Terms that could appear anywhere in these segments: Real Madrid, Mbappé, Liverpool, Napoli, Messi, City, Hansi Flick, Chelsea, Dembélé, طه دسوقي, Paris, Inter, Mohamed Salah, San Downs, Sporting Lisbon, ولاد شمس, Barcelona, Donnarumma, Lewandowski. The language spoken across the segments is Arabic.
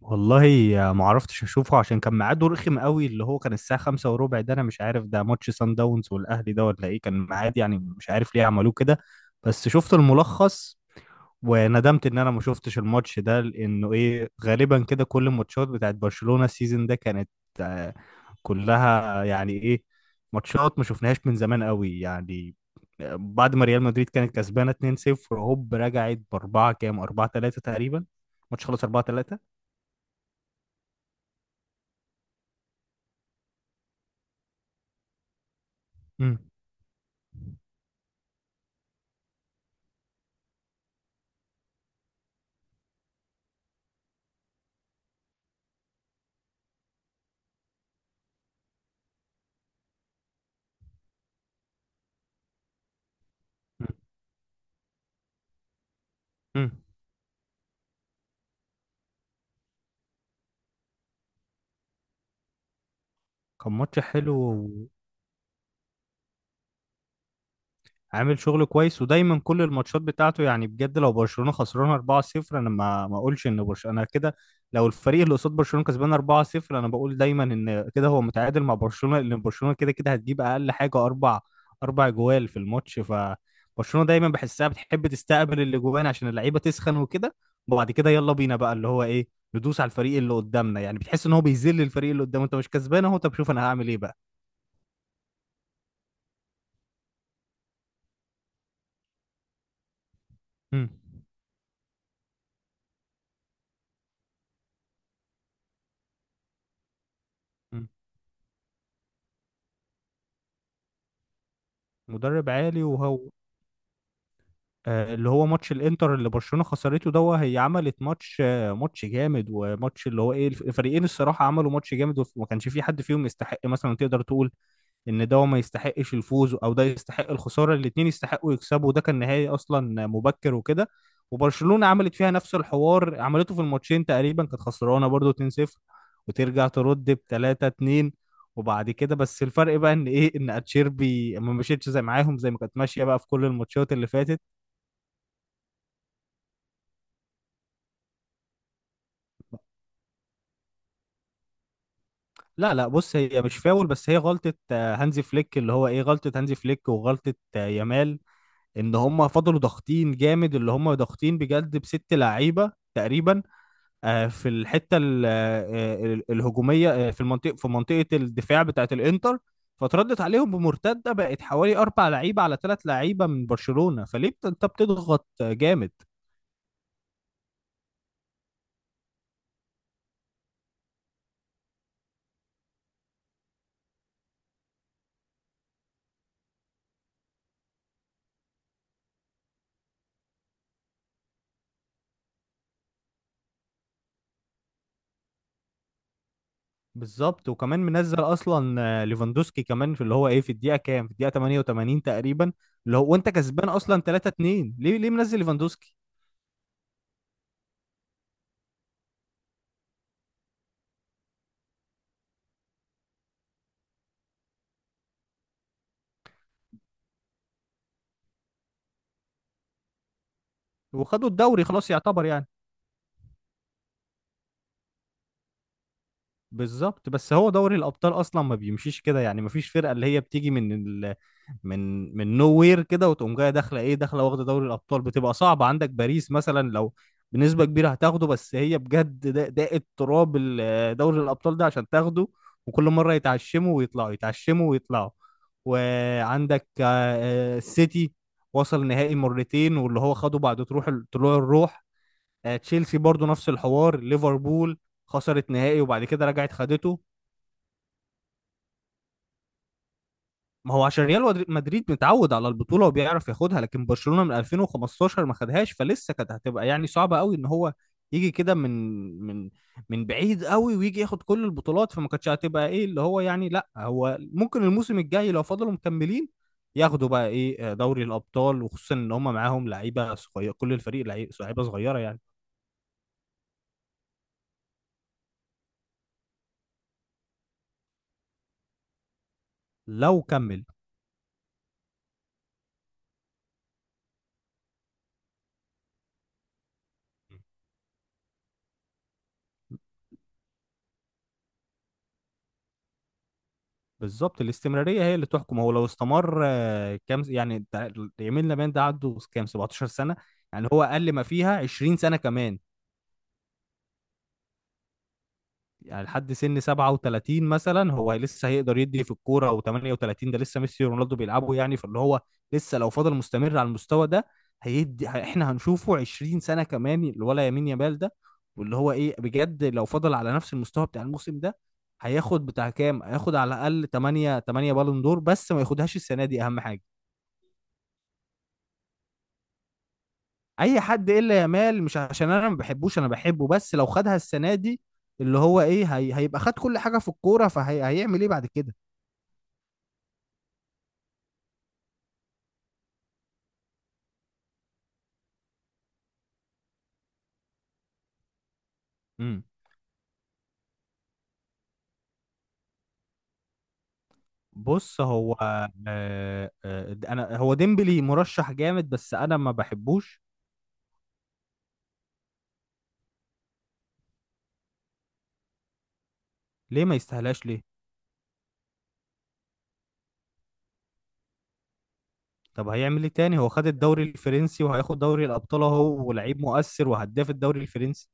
والله، ما عرفتش اشوفه عشان كان ميعاده رخم قوي. اللي هو كان الساعه خمسة وربع. ده انا مش عارف، ده ماتش سان داونز والاهلي ده ولا ايه كان ميعاد؟ يعني مش عارف ليه عملوه كده. بس شفت الملخص وندمت ان انا ما شفتش الماتش ده، لانه ايه، غالبا كده كل الماتشات بتاعت برشلونه السيزون ده كانت آه، كلها يعني ايه، ماتشات ما شفناهاش من زمان قوي يعني. بعد ما ريال مدريد كانت كسبانه 2-0، هوب رجعت باربعه كام، 4-3 تقريبا. ماتش خلص 4-3. مم. كان ماتش حلو وعامل شغل كويس، ودايما كل الماتشات بتاعته يعني بجد. لو برشلونة خسرانها 4-0 انا ما اقولش ان برشلونة، انا كده. لو الفريق اللي قصاد برشلونة كسبان 4-0 انا بقول دايما ان كده هو متعادل مع برشلونة، لان برشلونة كده كده هتجيب اقل حاجة اربع اربع جوال في الماتش. فبرشلونة دايما بحسها بتحب تستقبل الاجوان عشان اللعيبة تسخن وكده. وبعد كده يلا بينا بقى اللي هو ايه، ندوس على الفريق اللي قدامنا، يعني بتحس ان هو بيذل الفريق اللي قدامه، انت مش كسبان اهو، طب شوف انا هعمل ايه بقى. مم. مدرب عالي. وهو اللي هو ماتش الانتر اللي برشلونة خسرته ده، هي عملت ماتش، ماتش جامد. وماتش اللي هو ايه الفريقين الصراحة عملوا ماتش جامد، وما كانش في حد فيهم يستحق مثلا تقدر تقول ان ده ما يستحقش الفوز او ده يستحق الخساره. الاثنين يستحقوا يكسبوا. ده كان نهائي اصلا مبكر وكده. وبرشلونه عملت فيها نفس الحوار، عملته في الماتشين تقريبا، كانت خسرانه برضو 2-0 وترجع ترد ب 3-2. وبعد كده بس الفرق بقى ان ايه، ان اتشيربي ما مشيتش زي معاهم، زي ما كانت ماشيه بقى في كل الماتشات اللي فاتت. لا لا، بص، هي مش فاول، بس هي غلطه هانزي فليك، اللي هو ايه غلطه هانزي فليك وغلطه يامال. ان هم فضلوا ضاغطين جامد، اللي هم ضاغطين بجد بست لعيبه تقريبا في الحته الهجوميه، في المنطقه، في منطقه الدفاع بتاعه الانتر. فتردت عليهم بمرتده بقت حوالي اربع لعيبه على ثلاث لعيبه من برشلونه. فليه انت بتضغط جامد؟ بالظبط. وكمان منزل اصلا ليفاندوسكي كمان، في اللي هو ايه في الدقيقه كام، في الدقيقه 88 تقريبا، اللي هو وانت كسبان اصلا 3 2، ليه ليه منزل ليفاندوسكي؟ وخدوا الدوري خلاص يعتبر يعني. بالظبط. بس هو دوري الابطال اصلا ما بيمشيش كده، يعني ما فيش فرقه اللي هي بتيجي من ال... من من نو وير كده وتقوم جايه داخله ايه، داخله واخده دوري الابطال. بتبقى صعبه، عندك باريس مثلا لو بنسبه كبيره هتاخده، بس هي بجد ده، ده التراب دوري الابطال ده عشان تاخده. وكل مره يتعشموا ويطلعوا، يتعشموا ويطلعوا. وعندك السيتي وصل نهائي مرتين، واللي هو خده بعد تروح طلوع الروح. تشيلسي برضو نفس الحوار. ليفربول خسرت نهائي وبعد كده رجعت خدته. ما هو عشان ريال مدريد متعود على البطولة وبيعرف ياخدها. لكن برشلونة من 2015 ما خدهاش، فلسه كانت هتبقى يعني صعبة قوي ان هو يجي كده من من بعيد قوي ويجي ياخد كل البطولات. فما كانتش هتبقى ايه اللي هو يعني، لا هو ممكن الموسم الجاي لو فضلوا مكملين ياخدوا بقى ايه دوري الابطال، وخصوصا ان هم معاهم لعيبة صغيرة، كل الفريق لعيبة صغيرة يعني. لو كمل. بالظبط، الاستمرارية هي اللي تحكم. هو لو استمر كام يعني يمين لمين ده؟ عنده كام، 17 سنة. يعني هو أقل ما فيها 20 سنة كمان، يعني لحد سن 37 مثلا هو لسه هيقدر يدي في الكورة. و38 ده لسه ميسي ورونالدو بيلعبوا يعني. فاللي هو لسه لو فضل مستمر على المستوى ده هيدي احنا هنشوفه 20 سنة كمان الولا يمين يامال ده. واللي هو ايه بجد لو فضل على نفس المستوى بتاع الموسم ده، هياخد بتاع كام، هياخد على الأقل 8 بالون دور. بس ما ياخدهاش السنة دي، أهم حاجة. اي حد الا يامال، مش عشان انا ما بحبوش، انا بحبه، بس لو خدها السنه دي اللي هو ايه هي هيبقى خد كل حاجه في الكوره، فهيعمل ايه بعد كده؟ امم. بص هو، انا هو ديمبلي مرشح جامد، بس انا ما بحبوش. ليه ما يستاهلاش ليه؟ طب هيعمل ايه تاني؟ هو خد الدوري الفرنسي وهياخد دوري الابطال اهو، ولاعيب مؤثر وهداف الدوري الفرنسي.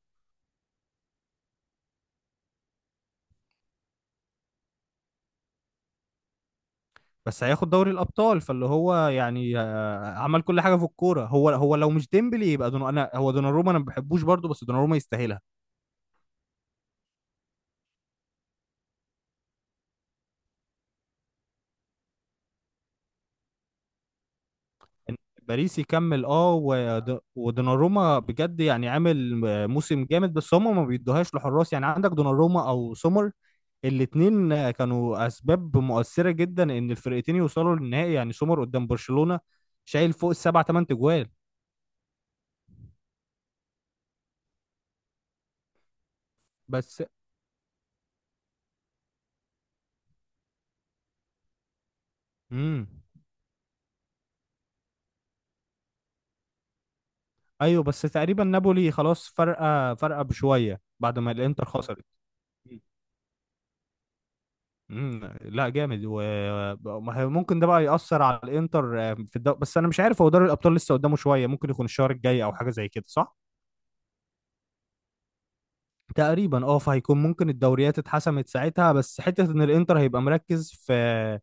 بس هياخد دوري الابطال، فاللي هو يعني عمل كل حاجه في الكوره. هو هو لو مش ديمبلي يبقى دون، انا هو دوناروما، انا ما بحبوش برضه، بس دوناروما يستاهلها. إن باريس يكمل، اه، ودوناروما بجد يعني عامل موسم جامد. بس هم ما بيدوهاش لحراس، يعني عندك دوناروما او سومر. الاثنين كانوا اسباب مؤثره جدا ان الفرقتين يوصلوا للنهائي. يعني سومر قدام برشلونه شايل فوق السبع ثمان تجوال. بس امم، ايوه، بس تقريبا نابولي خلاص فرقه فرقه بشويه بعد ما الانتر خسرت. امم، لا جامد، وممكن ده بقى يأثر على الانتر في الدوري. بس انا مش عارف، هو دوري الابطال لسه قدامه شويه، ممكن يكون الشهر الجاي او حاجه زي كده، صح؟ تقريبا اه. فهيكون ممكن الدوريات اتحسمت ساعتها. بس حتة ان الانتر هيبقى مركز في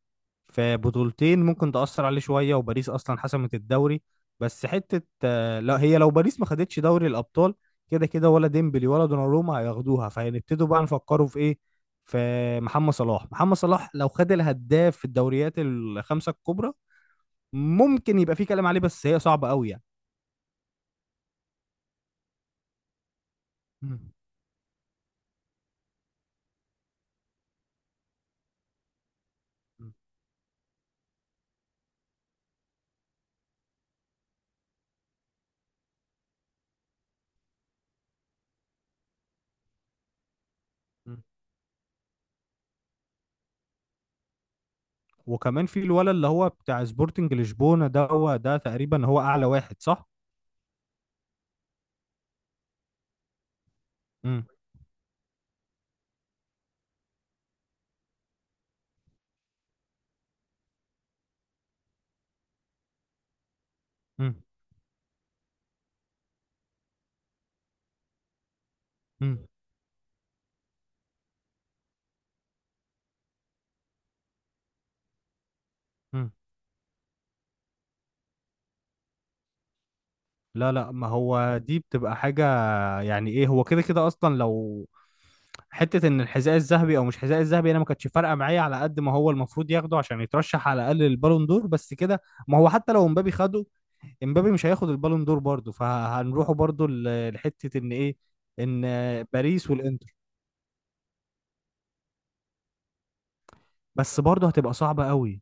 في بطولتين ممكن تأثر عليه شوية. وباريس اصلا حسمت الدوري. بس حتة لا، هي لو باريس ما خدتش دوري الابطال، كده كده ولا ديمبلي ولا دوناروما هياخدوها. فهنبتدوا بقى نفكروا في ايه، في محمد صلاح. لو خد الهداف في الدوريات الخمسة الكبرى ممكن يبقى في كلام عليه، بس هي صعبة قوي يعني. مم. وكمان في الولد اللي هو بتاع سبورتنج لشبونة ده، هو ده تقريبا هو اعلى واحد، صح؟ امم. امم. امم. امم. لا لا، ما هو دي بتبقى حاجة يعني ايه؟ هو كده كده اصلا لو حتة ان الحذاء الذهبي او مش حذاء الذهبي، انا ما كانتش فارقة معايا على قد ما هو المفروض ياخده عشان يترشح على الاقل للبالون دور، بس كده. ما هو حتى لو امبابي خده، امبابي مش هياخد البالون دور برضه، فهنروحوا برضه لحتة ان ايه، ان باريس والانتر. بس برضه هتبقى صعبة قوي.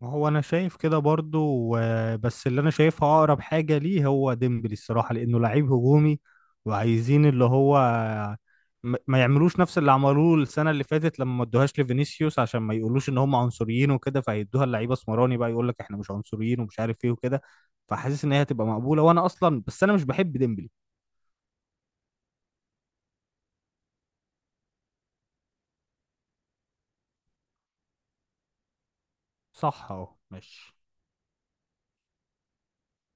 ما هو انا شايف كده برضو. بس اللي انا شايفها اقرب حاجه ليه هو ديمبلي الصراحه، لانه لعيب هجومي. وعايزين اللي هو ما يعملوش نفس اللي عملوه السنه اللي فاتت لما ما ادوهاش لفينيسيوس، عشان ما يقولوش ان هم عنصريين وكده. فهيدوها للعيبه اسمراني بقى يقول لك احنا مش عنصريين ومش عارف ايه وكده. فحاسس ان هي هتبقى مقبوله. وانا اصلا بس انا مش بحب ديمبلي. صح اهو، ماشي.